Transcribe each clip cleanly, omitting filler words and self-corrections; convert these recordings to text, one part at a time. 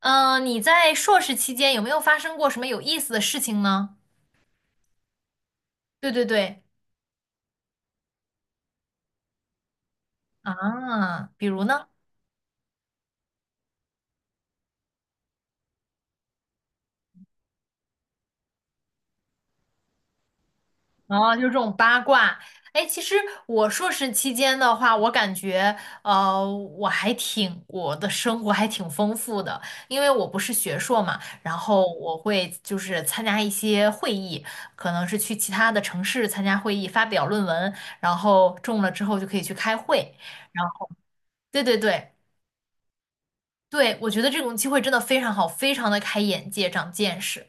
你在硕士期间有没有发生过什么有意思的事情呢？对对对，啊，比如呢？啊，就是这种八卦。哎，其实我硕士期间的话，我感觉，我的生活还挺丰富的，因为我不是学硕嘛，然后我会参加一些会议，可能是去其他的城市参加会议，发表论文，然后中了之后就可以去开会，然后对对对，对，我觉得这种机会真的非常好，非常的开眼界，长见识。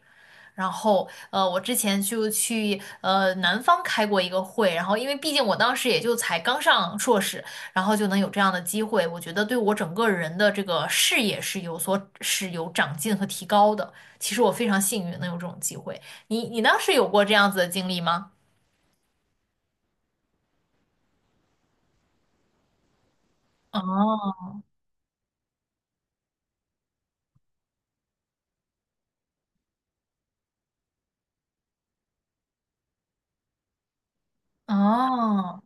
然后，我之前就去南方开过一个会，然后因为毕竟我当时也就才刚上硕士，然后就能有这样的机会，我觉得对我整个人的这个视野是有所是有长进和提高的。其实我非常幸运能有这种机会。你当时有过这样子的经历吗？哦哦，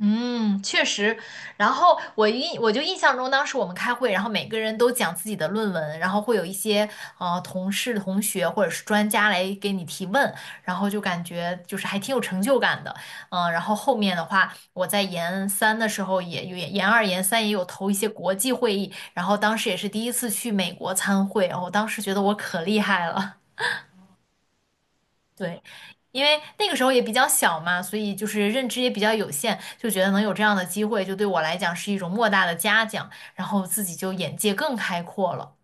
嗯，确实。然后我印我就印象中，当时我们开会，然后每个人都讲自己的论文，然后会有一些同事、同学或者是专家来给你提问，然后就感觉就是还挺有成就感的。嗯，然后后面的话，我在研三的时候也有研二、研三也有投一些国际会议，然后当时也是第一次去美国参会，然后当时觉得我可厉害了。对，因为那个时候也比较小嘛，所以就是认知也比较有限，就觉得能有这样的机会，就对我来讲是一种莫大的嘉奖，然后自己就眼界更开阔了。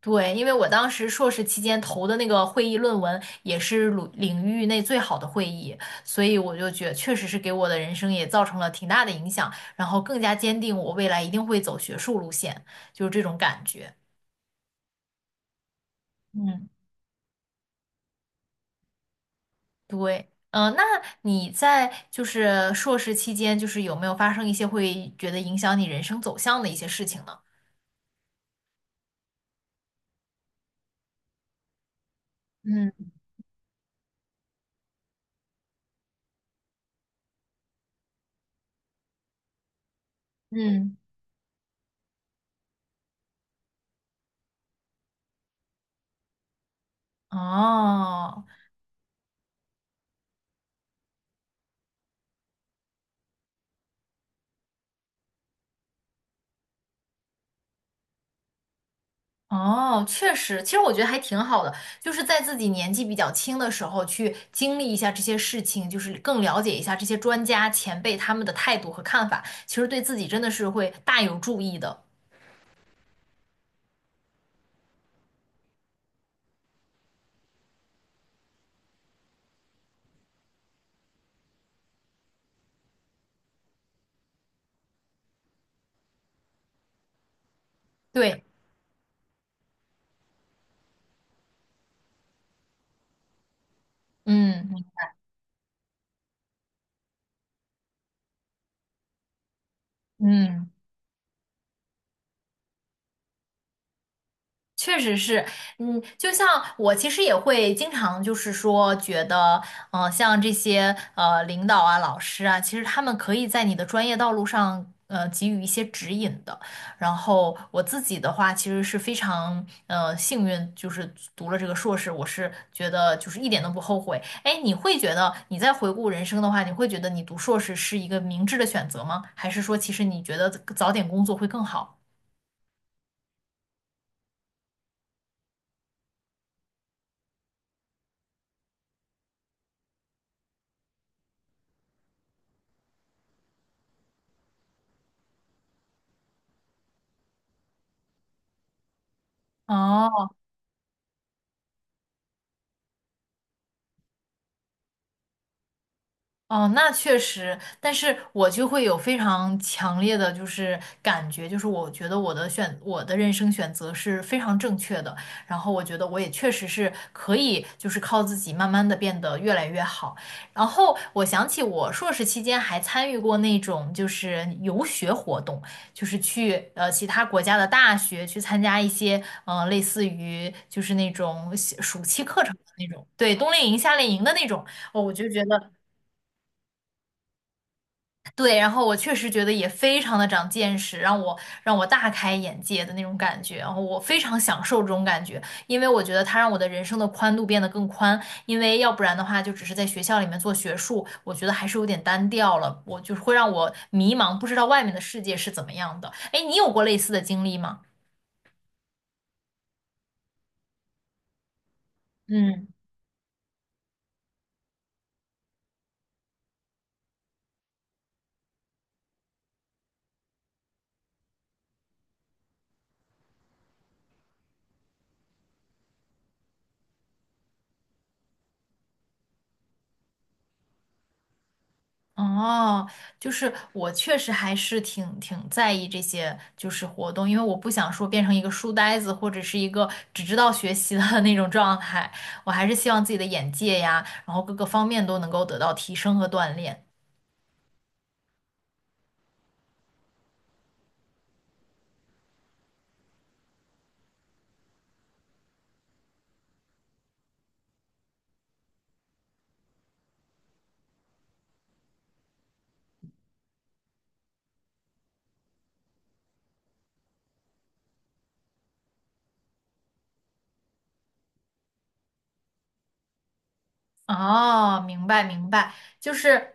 对，因为我当时硕士期间投的那个会议论文也是领域内最好的会议，所以我就觉得确实是给我的人生也造成了挺大的影响，然后更加坚定我未来一定会走学术路线，就是这种感觉。嗯。对，那你在就是硕士期间，就是有没有发生一些会觉得影响你人生走向的一些事情呢？嗯嗯哦哦，确实，其实我觉得还挺好的，就是在自己年纪比较轻的时候去经历一下这些事情，就是更了解一下这些专家前辈他们的态度和看法，其实对自己真的是会大有注意的。对，嗯嗯。确实是，嗯，就像我其实也会经常就是说觉得，像这些领导啊、老师啊，其实他们可以在你的专业道路上给予一些指引的。然后我自己的话，其实是非常幸运，就是读了这个硕士，我是觉得就是一点都不后悔。哎，你会觉得你在回顾人生的话，你会觉得你读硕士是一个明智的选择吗？还是说其实你觉得早点工作会更好？哦。哦，那确实，但是我就会有非常强烈的就是感觉，就是我觉得我的人生选择是非常正确的，然后我觉得我也确实是可以，就是靠自己慢慢的变得越来越好。然后我想起我硕士期间还参与过那种就是游学活动，就是去其他国家的大学去参加一些类似于就是那种暑期课程的那种，对，冬令营、夏令营的那种。哦，我就觉得对，然后我确实觉得也非常的长见识，让我大开眼界的那种感觉，然后我非常享受这种感觉，因为我觉得它让我的人生的宽度变得更宽，因为要不然的话就只是在学校里面做学术，我觉得还是有点单调了，我就是会让我迷茫，不知道外面的世界是怎么样的。哎，你有过类似的经历吗？嗯。哦，就是我确实还是挺在意这些就是活动，因为我不想说变成一个书呆子或者是一个只知道学习的 那种状态，我还是希望自己的眼界呀，然后各个方面都能够得到提升和锻炼。哦，明白明白，就是，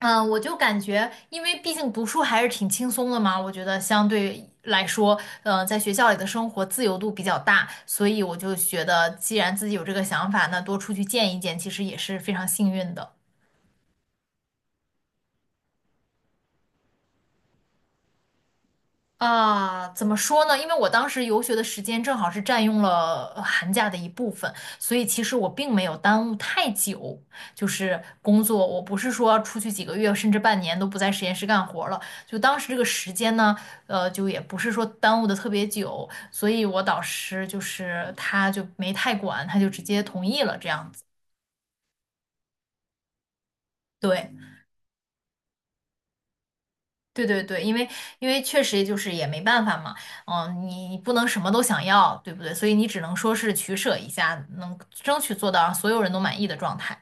嗯，我就感觉，因为毕竟读书还是挺轻松的嘛，我觉得相对来说，在学校里的生活自由度比较大，所以我就觉得，既然自己有这个想法，那多出去见一见，其实也是非常幸运的。啊，怎么说呢？因为我当时游学的时间正好是占用了寒假的一部分，所以其实我并没有耽误太久，就是工作，我不是说出去几个月甚至半年都不在实验室干活了，就当时这个时间呢，就也不是说耽误的特别久，所以我导师就是他就没太管，他就直接同意了这样子。对。对对对，因为确实就是也没办法嘛，嗯，你不能什么都想要，对不对？所以你只能说是取舍一下，能争取做到让所有人都满意的状态。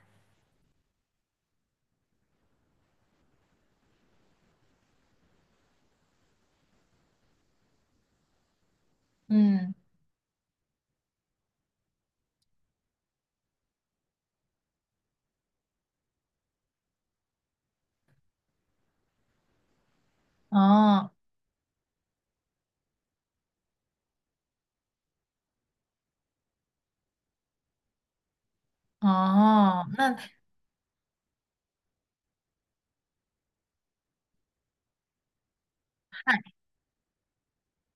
嗯，哦哦，那 嗨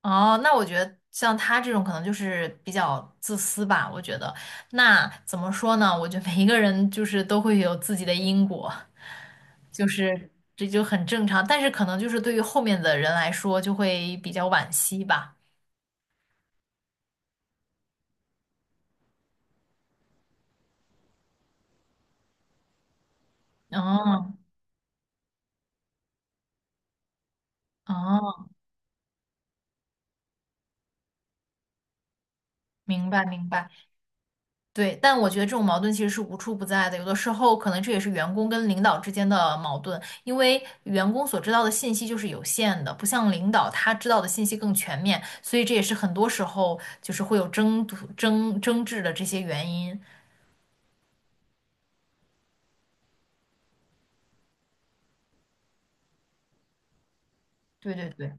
哦，那我觉得像他这种可能就是比较自私吧，我觉得。那怎么说呢？我觉得每一个人就是都会有自己的因果，就是这就很正常，但是可能就是对于后面的人来说就会比较惋惜吧。哦哦，明白，明白，对，但我觉得这种矛盾其实是无处不在的，有的时候可能这也是员工跟领导之间的矛盾，因为员工所知道的信息就是有限的，不像领导他知道的信息更全面，所以这也是很多时候就是会有争夺争争执的这些原因。对对对，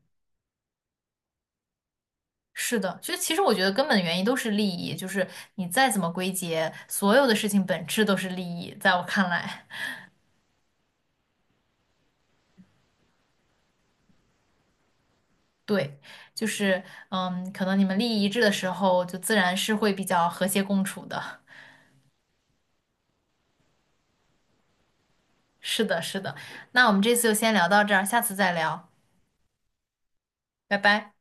是的，所以其实我觉得根本原因都是利益，就是你再怎么归结，所有的事情本质都是利益，在我看来。对，就是，嗯，可能你们利益一致的时候，就自然是会比较和谐共处的。是的，是的。那我们这次就先聊到这儿，下次再聊，拜拜。